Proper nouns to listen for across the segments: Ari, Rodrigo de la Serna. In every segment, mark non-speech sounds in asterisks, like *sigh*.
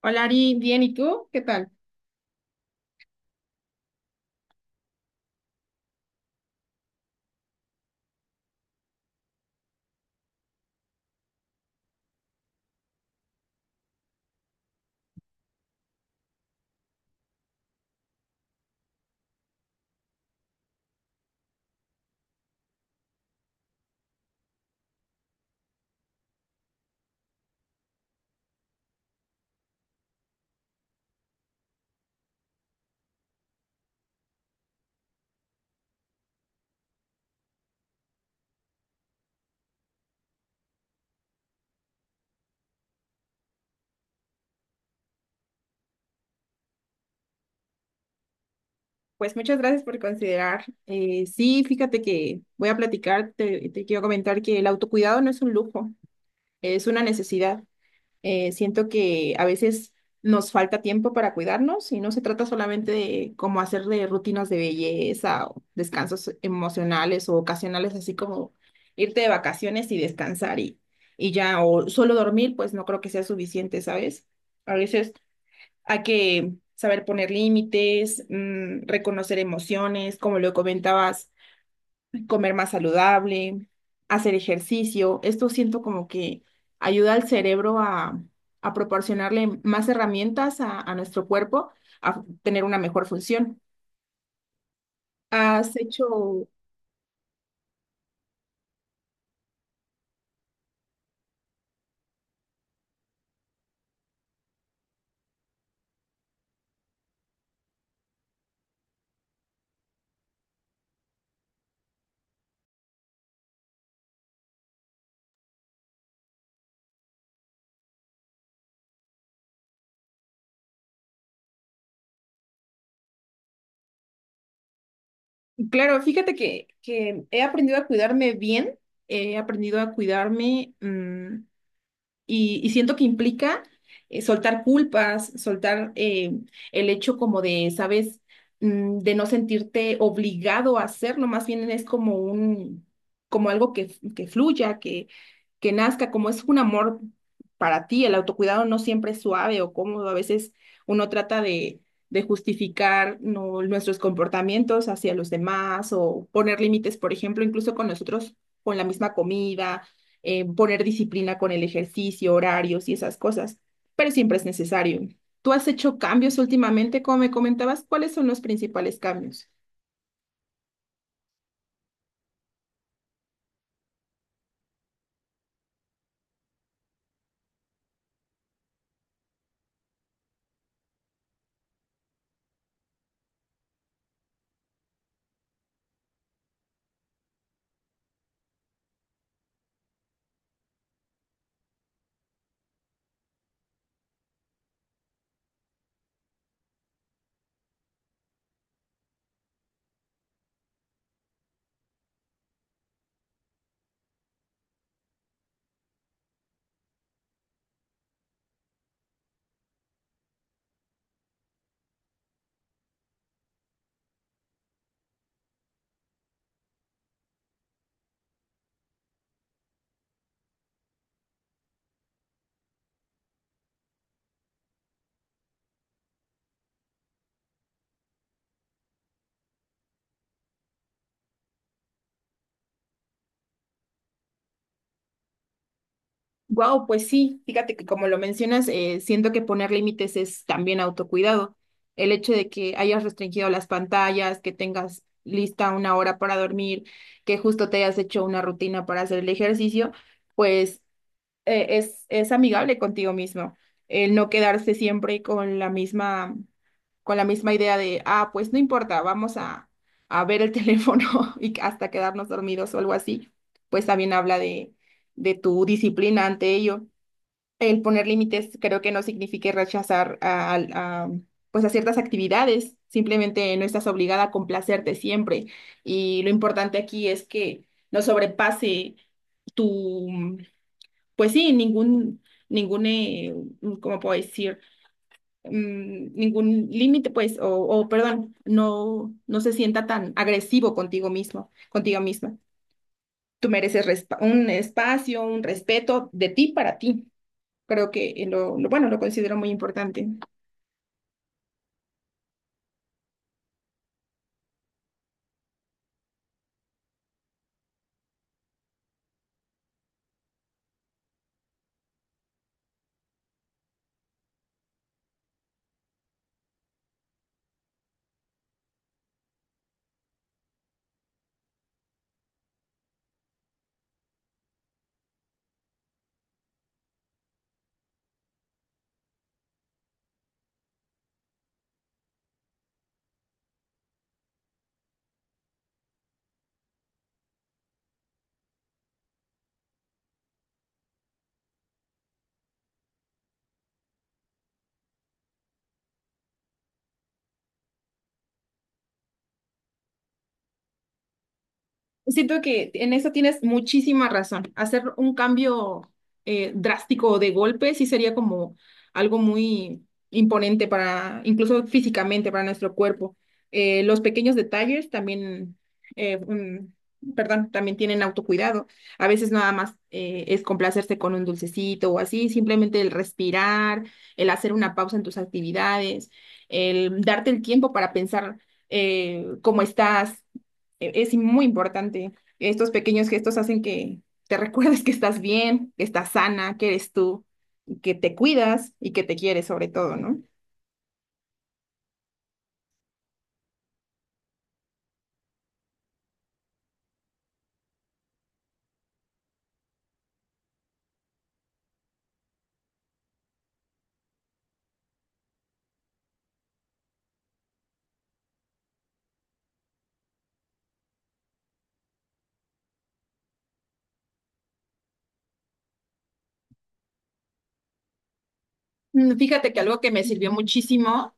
Hola Ari, bien, ¿y tú? ¿Qué tal? Pues muchas gracias por considerar. Sí, fíjate que voy a platicar, te quiero comentar que el autocuidado no es un lujo, es una necesidad. Siento que a veces nos falta tiempo para cuidarnos y no se trata solamente de cómo hacer de rutinas de belleza o descansos emocionales o ocasionales, así como irte de vacaciones y descansar y ya, o solo dormir, pues no creo que sea suficiente, ¿sabes? A veces hay que saber poner límites, reconocer emociones, como lo comentabas, comer más saludable, hacer ejercicio. Esto siento como que ayuda al cerebro a proporcionarle más herramientas a nuestro cuerpo a tener una mejor función. Has hecho, claro, fíjate que he aprendido a cuidarme bien, he aprendido a cuidarme. Y siento que implica soltar culpas, soltar el hecho como de, ¿sabes? De no sentirte obligado a hacerlo, más bien es como como algo que fluya, que nazca, como es un amor para ti. El autocuidado no siempre es suave o cómodo, a veces uno trata de justificar no, nuestros comportamientos hacia los demás o poner límites, por ejemplo, incluso con nosotros, con la misma comida, poner disciplina con el ejercicio, horarios y esas cosas, pero siempre es necesario. ¿Tú has hecho cambios últimamente, como me comentabas? ¿Cuáles son los principales cambios? Wow, pues sí, fíjate que como lo mencionas, siento que poner límites es también autocuidado. El hecho de que hayas restringido las pantallas, que tengas lista una hora para dormir, que justo te hayas hecho una rutina para hacer el ejercicio, pues es amigable contigo mismo. El no quedarse siempre con la misma, con la misma idea de, ah, pues no importa, vamos a ver el *laughs* teléfono y hasta quedarnos dormidos o algo así, pues también habla de tu disciplina ante ello. El poner límites creo que no significa rechazar pues a ciertas actividades, simplemente no estás obligada a complacerte siempre. Y lo importante aquí es que no sobrepase tu, pues sí, ningún, ¿cómo puedo decir? Ningún límite, pues, o, perdón, no se sienta tan agresivo contigo mismo, contigo misma. Tú mereces un espacio, un respeto de ti para ti. Creo que bueno, lo considero muy importante. Siento que en eso tienes muchísima razón. Hacer un cambio drástico de golpe sí sería como algo muy imponente para, incluso físicamente, para nuestro cuerpo. Los pequeños detalles también, perdón, también tienen autocuidado. A veces nada más es complacerse con un dulcecito o así, simplemente el respirar, el hacer una pausa en tus actividades, el darte el tiempo para pensar cómo estás. Es muy importante. Estos pequeños gestos hacen que te recuerdes que estás bien, que estás sana, que eres tú, y que te cuidas y que te quieres sobre todo, ¿no? Fíjate que algo que me sirvió muchísimo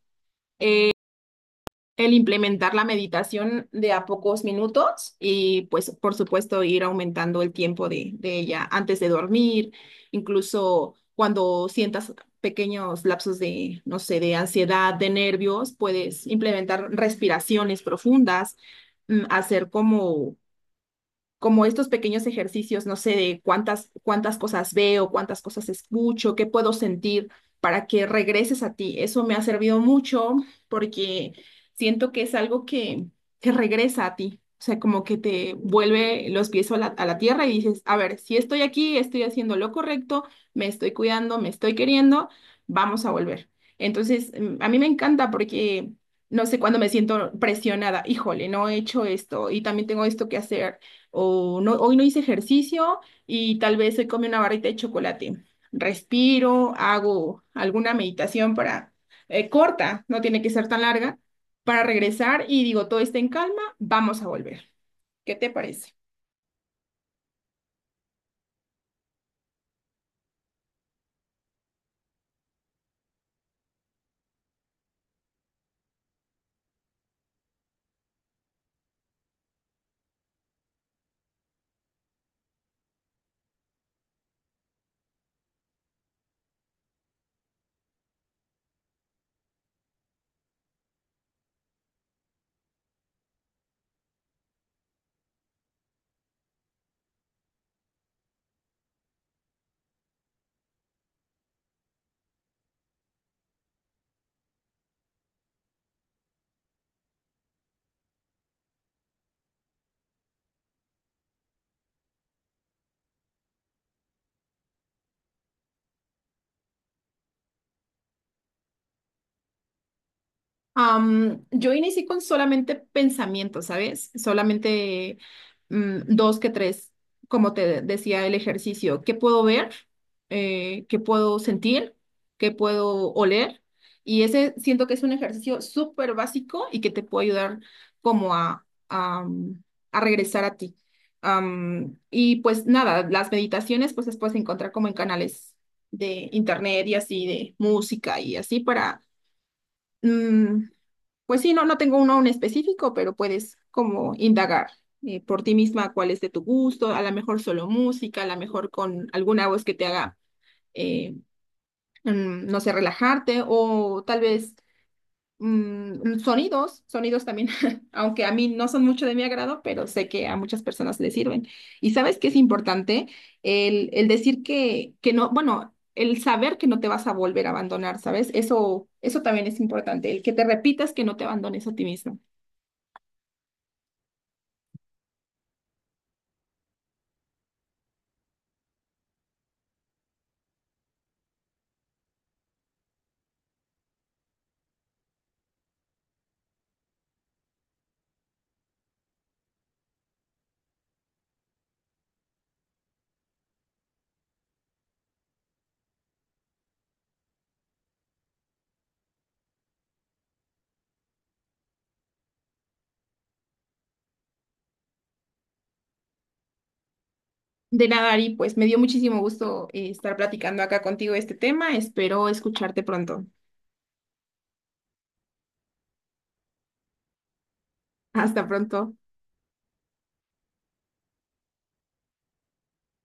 el implementar la meditación de a pocos minutos y pues por supuesto ir aumentando el tiempo de ella antes de dormir, incluso cuando sientas pequeños lapsos de, no sé, de ansiedad, de nervios, puedes implementar respiraciones profundas, hacer como, como estos pequeños ejercicios, no sé, de cuántas cosas veo, cuántas cosas escucho, qué puedo sentir para que regreses a ti. Eso me ha servido mucho porque siento que es algo que regresa a ti. O sea, como que te vuelve los pies a la tierra y dices, a ver, si estoy aquí, estoy haciendo lo correcto, me estoy cuidando, me estoy queriendo, vamos a volver. Entonces, a mí me encanta porque, no sé, cuando me siento presionada, híjole, no he hecho esto y también tengo esto que hacer o no, hoy no hice ejercicio y tal vez hoy comí una barrita de chocolate. Respiro, hago alguna meditación para corta, no tiene que ser tan larga, para regresar y digo, todo está en calma, vamos a volver. ¿Qué te parece? Yo inicié con solamente pensamientos, ¿sabes? Solamente dos que tres, como te decía el ejercicio, ¿qué puedo ver? ¿Qué puedo sentir? ¿Qué puedo oler? Y ese siento que es un ejercicio súper básico y que te puede ayudar como a regresar a ti. Y pues nada, las meditaciones pues las puedes encontrar como en canales de internet y así, de música y así para... mm, pues sí, no, no tengo uno en específico, pero puedes como indagar por ti misma cuál es de tu gusto, a lo mejor solo música, a lo mejor con alguna voz que te haga, eh, no sé, relajarte o tal vez sonidos, sonidos también, *laughs* aunque a mí no son mucho de mi agrado, pero sé que a muchas personas les sirven. Y sabes que es importante el decir que no, bueno. El saber que no te vas a volver a abandonar, ¿sabes? Eso también es importante, el que te repitas que no te abandones a ti misma. De nada, Ari, pues me dio muchísimo gusto estar platicando acá contigo de este tema. Espero escucharte pronto. Hasta pronto.